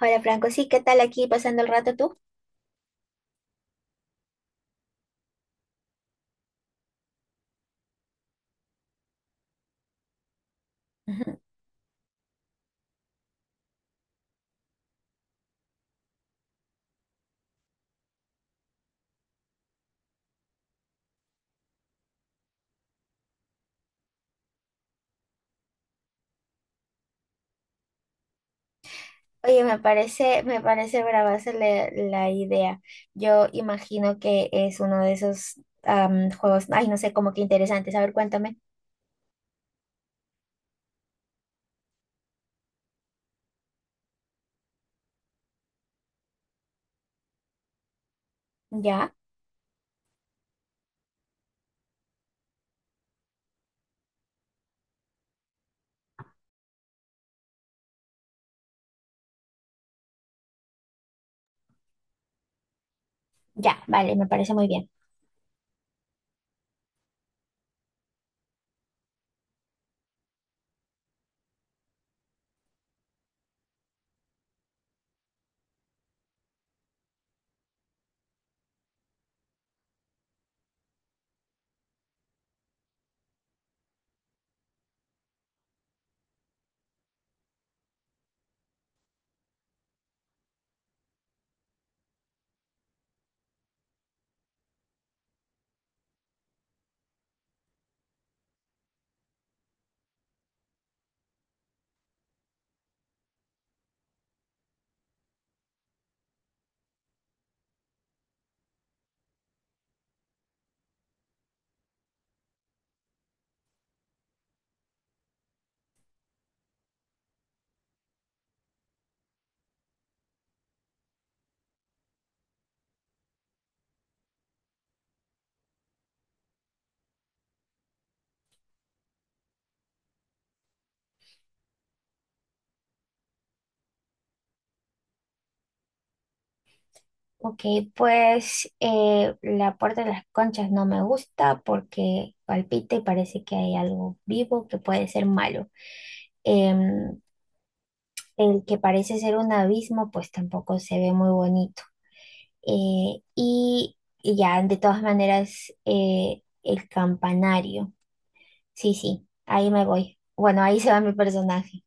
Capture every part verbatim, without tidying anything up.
Hola Franco, sí, ¿qué tal aquí pasando el rato tú? Ujú. Oye, me parece, me parece brava hacerle la idea. Yo imagino que es uno de esos am, juegos, ay, no sé, como que interesantes. A ver, cuéntame. Ya, ya, vale, me parece muy bien. Ok, pues eh, la puerta de las conchas no me gusta porque palpita y parece que hay algo vivo que puede ser malo. Em, el que parece ser un abismo, pues tampoco se ve muy bonito. Eh, y ya, de todas maneras, eh, el campanario. Sí, sí, ahí me voy. Bueno, ahí se va mi personaje.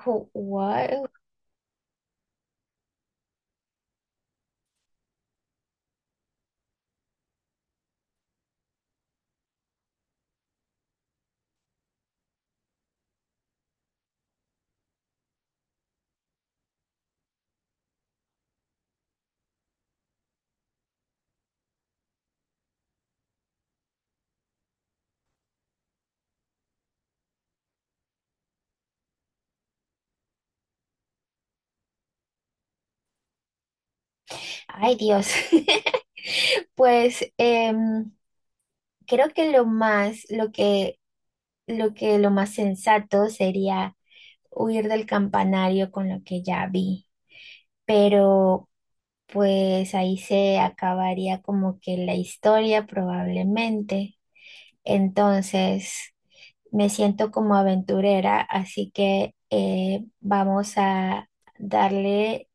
Ju- guau. Ay, Dios. Pues em, creo que lo más, lo que, lo que lo más sensato sería huir del campanario con lo que ya vi. Pero pues ahí se acabaría como que la historia probablemente. Entonces. Me siento como aventurera, así que eh, vamos a darle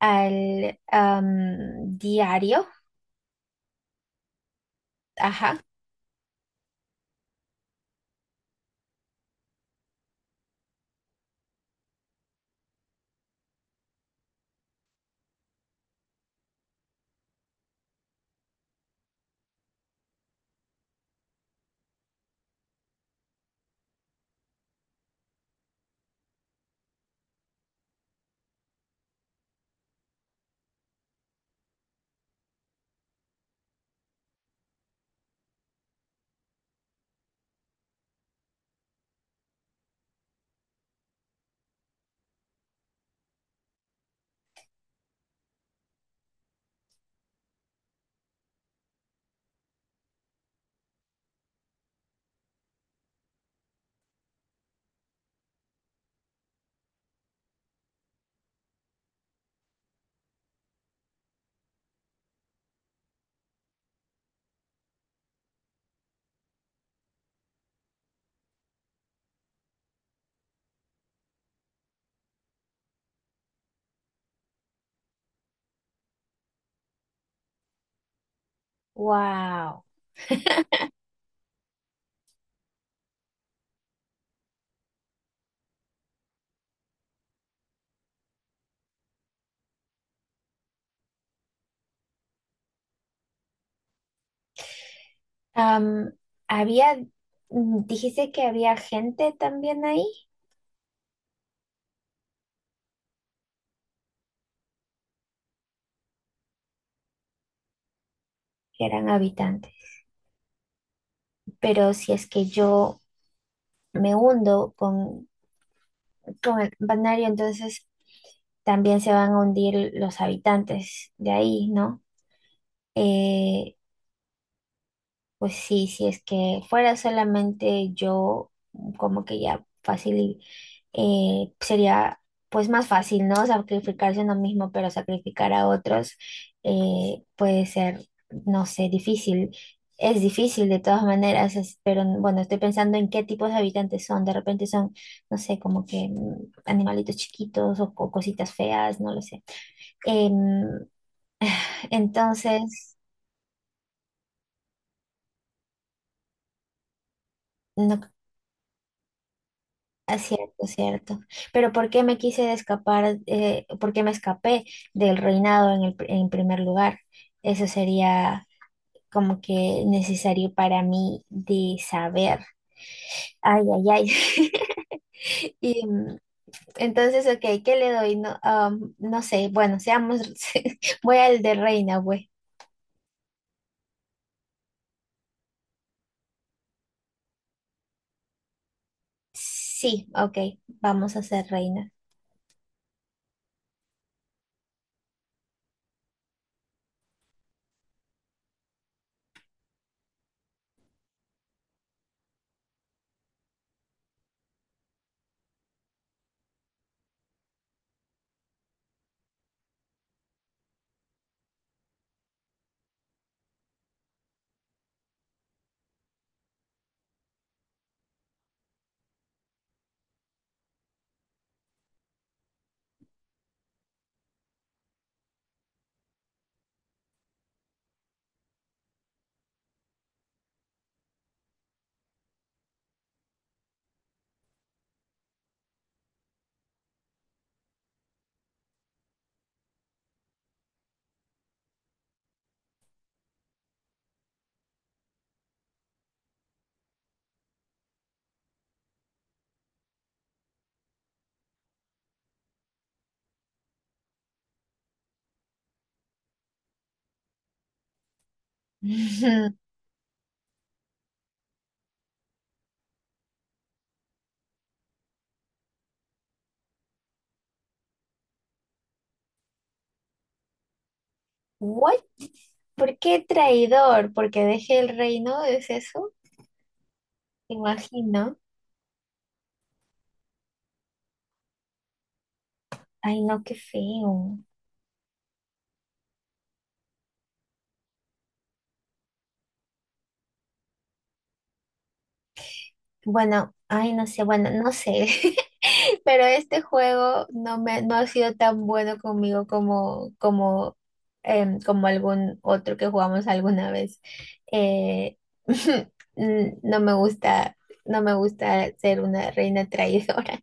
al am, diario. Ajá. Wow. Am, Había, mm, dijiste que había gente también ahí, que eran habitantes, pero si es que yo me hundo con, con el banario, entonces también se van a hundir los habitantes de ahí, ¿no? Eh, Pues sí, si es que fuera solamente yo, como que ya fácil, y, eh, sería pues más fácil, ¿no? Sacrificarse uno mismo, pero sacrificar a otros eh, puede ser, no sé, difícil. Es difícil de todas maneras, es- pero bueno, estoy pensando en qué tipos de habitantes son. De repente son, no sé, como que mm, animalitos chiquitos o, o cositas feas, no lo sé. Em, entonces, no. Ah, cierto, cierto. Pero ¿por qué me quise de escapar, eh, por qué me escapé del reinado en el, pr- en primer lugar? Eso sería como que necesario para mí de saber. Ay, ay, ay. Y mm, entonces, ok, ¿qué le doy? No, am, no sé, bueno, seamos, voy al de reina, güey. Sí, ok, vamos a ser reina. ¿What? ¿Por qué traidor? ¿Porque dejé el reino? ¿Es eso? Imagino. Ay, no, qué feo. Bueno, ay, no sé, bueno, no sé, pero este juego no me, no ha sido tan bueno conmigo como, como, em, como algún otro que jugamos alguna vez. Eh, mm, no me gusta, no me gusta ser una reina traidora.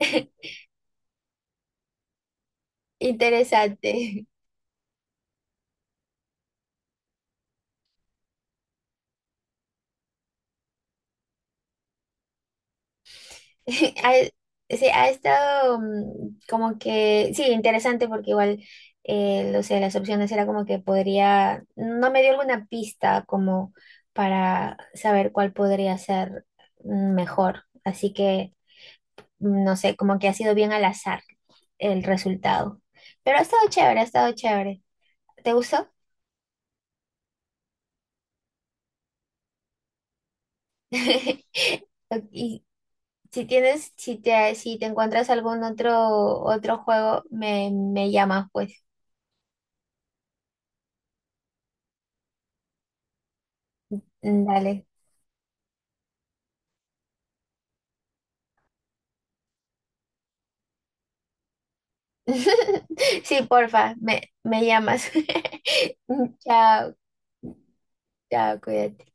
Interesante. Ha, sí, ha estado mm, como que, sí, interesante porque igual, eh, no sé, las opciones era como que podría, no me dio alguna pista como para saber cuál podría ser mm, mejor. Así que, mm, no sé, como que ha sido bien al azar el resultado. Pero ha estado chévere, ha estado chévere. ¿Te gustó? Y si tienes, si te, si te encuentras algún otro, otro juego, me, me llamas, pues. Dale. Sí, porfa, me, me llamas. Chao, chao, cuídate.